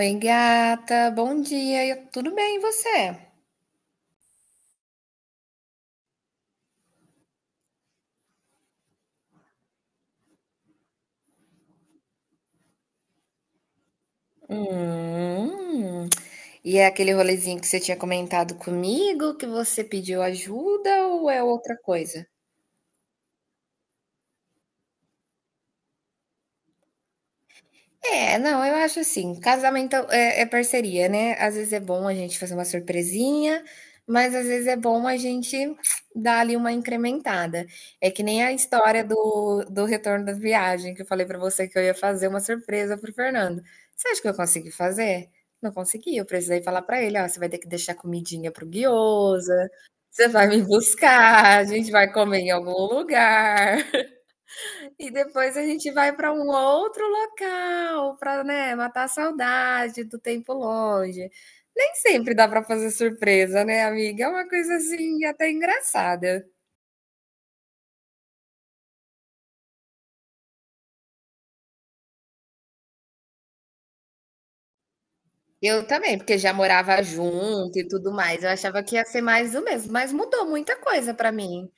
Oi, gata, bom dia. Tudo bem, e você? Hum. E é aquele rolezinho que você tinha comentado comigo, que você pediu ajuda ou é outra coisa? É, não, eu acho assim, casamento é parceria, né? Às vezes é bom a gente fazer uma surpresinha, mas às vezes é bom a gente dar ali uma incrementada. É que nem a história do retorno da viagem, que eu falei pra você que eu ia fazer uma surpresa pro Fernando. Você acha que eu consegui fazer? Não consegui, eu precisei falar pra ele, ó, você vai ter que deixar comidinha pro guiosa, você vai me buscar, a gente vai comer em algum lugar. E depois a gente vai para um outro local para, né, matar a saudade do tempo longe. Nem sempre dá para fazer surpresa, né, amiga? É uma coisa assim até engraçada. Eu também, porque já morava junto e tudo mais. Eu achava que ia ser mais do mesmo, mas mudou muita coisa para mim.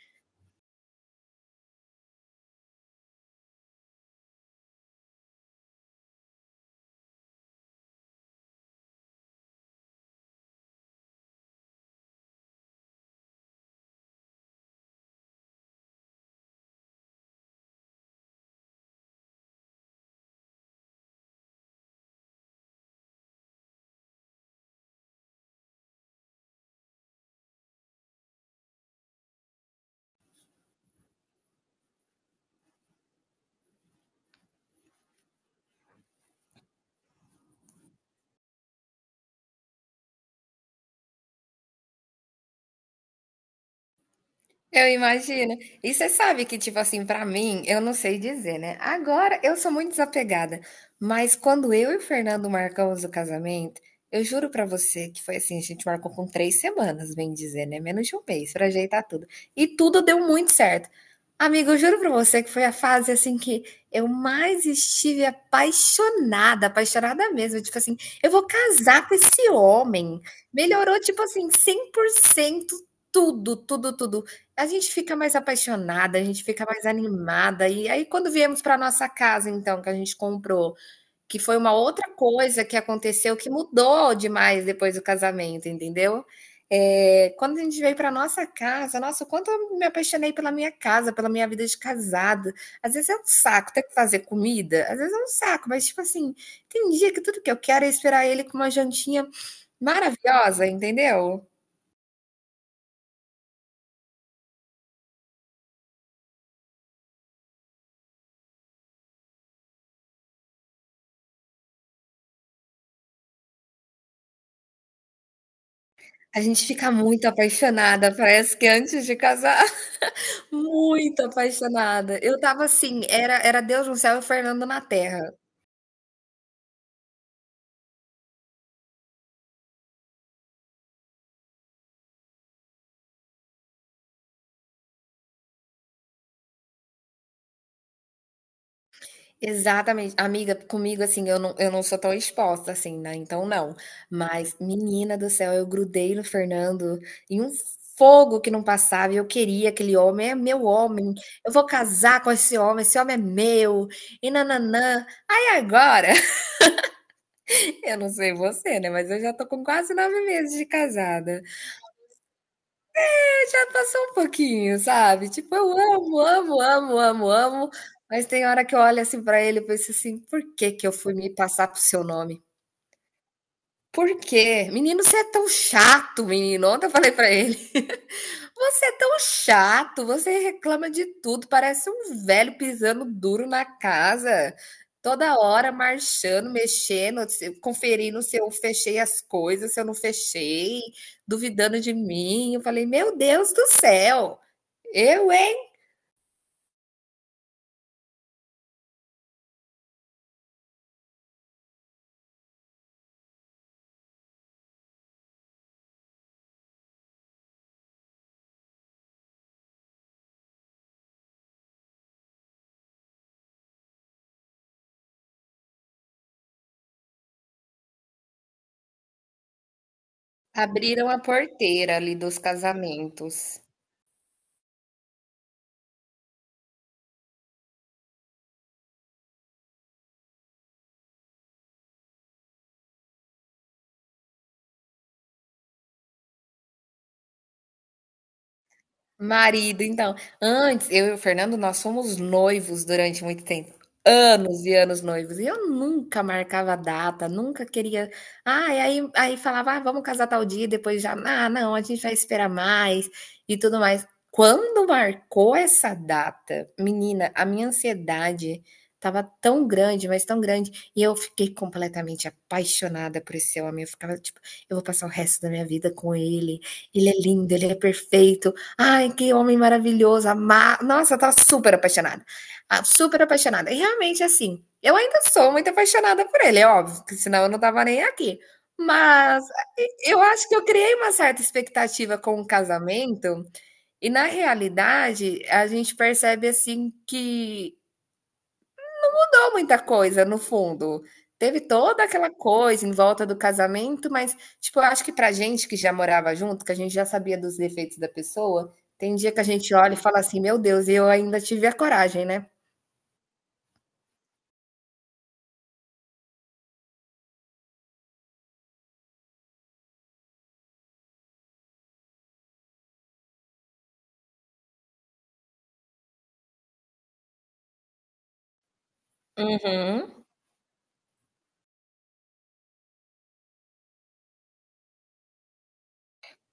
Eu imagino. E você sabe que, tipo assim, pra mim, eu não sei dizer, né? Agora eu sou muito desapegada, mas quando eu e o Fernando marcamos o casamento, eu juro pra você que foi assim, a gente marcou com 3 semanas, bem dizer, né? Menos de um mês pra ajeitar tudo. E tudo deu muito certo. Amigo, eu juro pra você que foi a fase assim que eu mais estive apaixonada, apaixonada mesmo. Tipo assim, eu vou casar com esse homem. Melhorou, tipo assim, 100% tudo, tudo, tudo. A gente fica mais apaixonada, a gente fica mais animada. E aí, quando viemos para nossa casa, então, que a gente comprou, que foi uma outra coisa que aconteceu que mudou demais depois do casamento, entendeu? Eh, quando a gente veio para nossa casa, nossa, o quanto eu me apaixonei pela minha casa, pela minha vida de casada. Às vezes é um saco ter que fazer comida, às vezes é um saco, mas tipo assim, tem dia que tudo que eu quero é esperar ele com uma jantinha maravilhosa, entendeu? A gente fica muito apaixonada, parece que antes de casar. Muito apaixonada. Eu tava assim, era Deus no céu e Fernando na terra. Exatamente. Amiga, comigo assim, eu não sou tão exposta assim, né, então não. Mas, menina do céu, eu grudei no Fernando em um fogo que não passava e eu queria aquele homem, é meu homem, eu vou casar com esse homem é meu, e nananã. Nã Aí agora, eu não sei você, né, mas eu já tô com quase 9 meses de casada. Já passou um pouquinho, sabe? Tipo, eu amo, amo, amo, amo, amo, mas tem hora que eu olho assim pra ele e penso assim: por que que eu fui me passar pro seu nome? Por quê? Menino, você é tão chato, menino. Ontem eu falei pra ele: você é tão chato, você reclama de tudo, parece um velho pisando duro na casa, toda hora marchando, mexendo, conferindo se eu fechei as coisas, se eu não fechei, duvidando de mim. Eu falei: meu Deus do céu, eu, hein? Abriram a porteira ali dos casamentos. Marido, então, antes eu e o Fernando nós fomos noivos durante muito tempo. Anos e anos noivos. E eu nunca marcava data, nunca queria. Ah, e aí, aí falava, ah, vamos casar tal dia, e depois já, ah, não, a gente vai esperar mais e tudo mais. Quando marcou essa data, menina, a minha ansiedade tava tão grande, mas tão grande, e eu fiquei completamente apaixonada por esse homem. Eu ficava tipo, eu vou passar o resto da minha vida com ele. Ele é lindo, ele é perfeito. Ai, que homem maravilhoso, ama... Nossa, eu tava super apaixonada. Ah, super apaixonada. E realmente, assim, eu ainda sou muito apaixonada por ele, é óbvio, que senão eu não tava nem aqui. Mas e eu acho que eu criei uma certa expectativa com o casamento, e na realidade a gente percebe, assim, que mudou muita coisa, no fundo. Teve toda aquela coisa em volta do casamento, mas, tipo, eu acho que pra gente que já morava junto, que a gente já sabia dos defeitos da pessoa, tem dia que a gente olha e fala assim: Meu Deus, eu ainda tive a coragem, né? Uhum.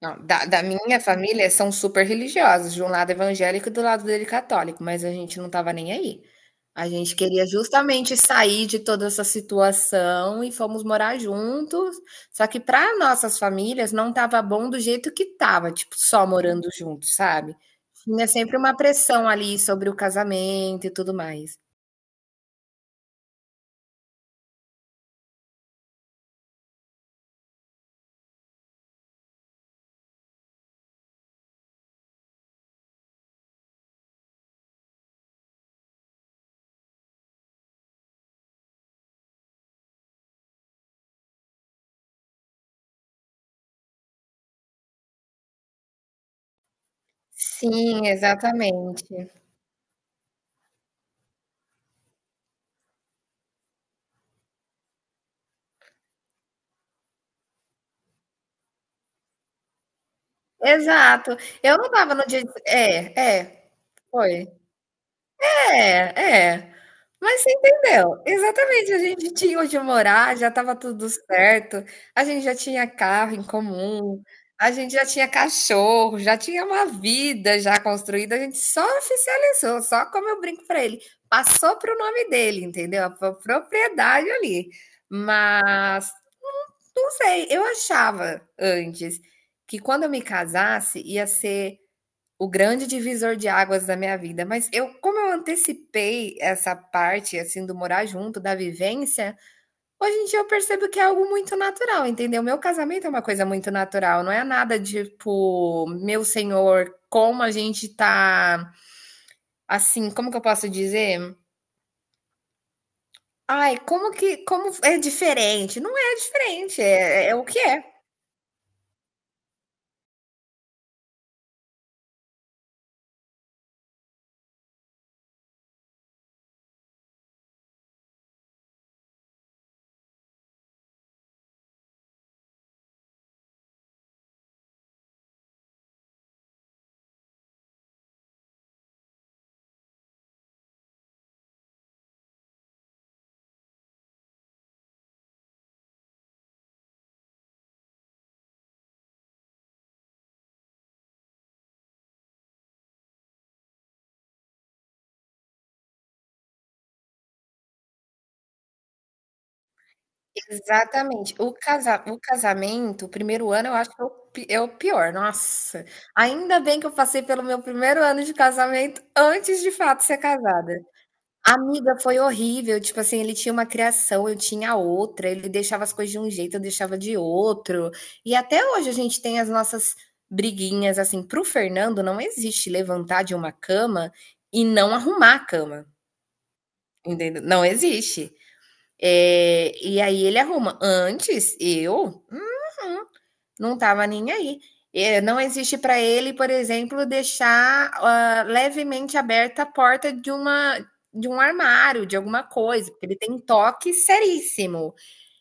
Não, da minha família são super religiosos, de um lado evangélico e do lado dele católico, mas a gente não estava nem aí. A gente queria justamente sair de toda essa situação e fomos morar juntos, só que para nossas famílias não estava bom do jeito que estava, tipo, só morando juntos, sabe. Tinha sempre uma pressão ali sobre o casamento e tudo mais. Sim, exatamente. Exato. Eu não estava no dia foi. É, é. Mas você entendeu? Exatamente, a gente tinha onde morar, já estava tudo certo, a gente já tinha carro em comum, a gente já tinha cachorro, já tinha uma vida já construída, a gente só oficializou, só como eu brinco para ele, passou para o nome dele, entendeu? A propriedade ali. Mas não sei, eu achava antes que quando eu me casasse ia ser o grande divisor de águas da minha vida, mas eu como eu antecipei essa parte, assim, do morar junto, da vivência, hoje em dia eu percebo que é algo muito natural, entendeu? Meu casamento é uma coisa muito natural, não é nada tipo, meu senhor, como a gente tá assim, como que eu posso dizer? Ai, como que como é diferente? Não é diferente, é é o que é. Exatamente. O casamento, o primeiro ano, eu acho que é o pi é o pior, nossa. Ainda bem que eu passei pelo meu primeiro ano de casamento antes de fato ser casada. Amiga, foi horrível, tipo assim, ele tinha uma criação, eu tinha outra, ele deixava as coisas de um jeito, eu deixava de outro. E até hoje a gente tem as nossas briguinhas, assim, para o Fernando não existe levantar de uma cama e não arrumar a cama, entendeu? Não existe. É, e aí ele arruma. Antes, eu não estava nem aí. É, não existe para ele, por exemplo, deixar levemente aberta a porta de um armário, de alguma coisa, porque ele tem toque seríssimo.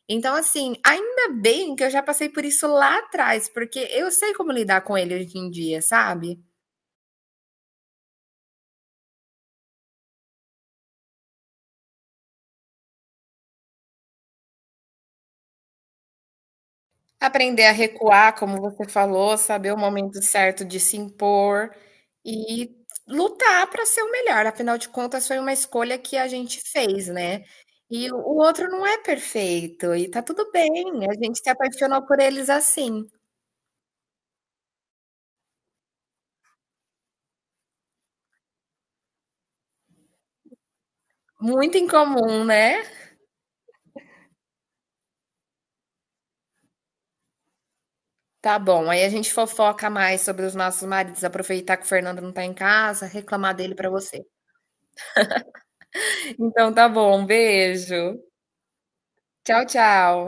Então, assim, ainda bem que eu já passei por isso lá atrás, porque eu sei como lidar com ele hoje em dia, sabe? Aprender a recuar, como você falou, saber o momento certo de se impor e lutar para ser o melhor, afinal de contas foi uma escolha que a gente fez, né. E o outro não é perfeito e tá tudo bem, a gente se apaixonou por eles assim. Muito incomum, né. Tá bom, aí a gente fofoca mais sobre os nossos maridos, aproveitar que o Fernando não tá em casa, reclamar dele para você. Então tá bom, um beijo. Tchau, tchau.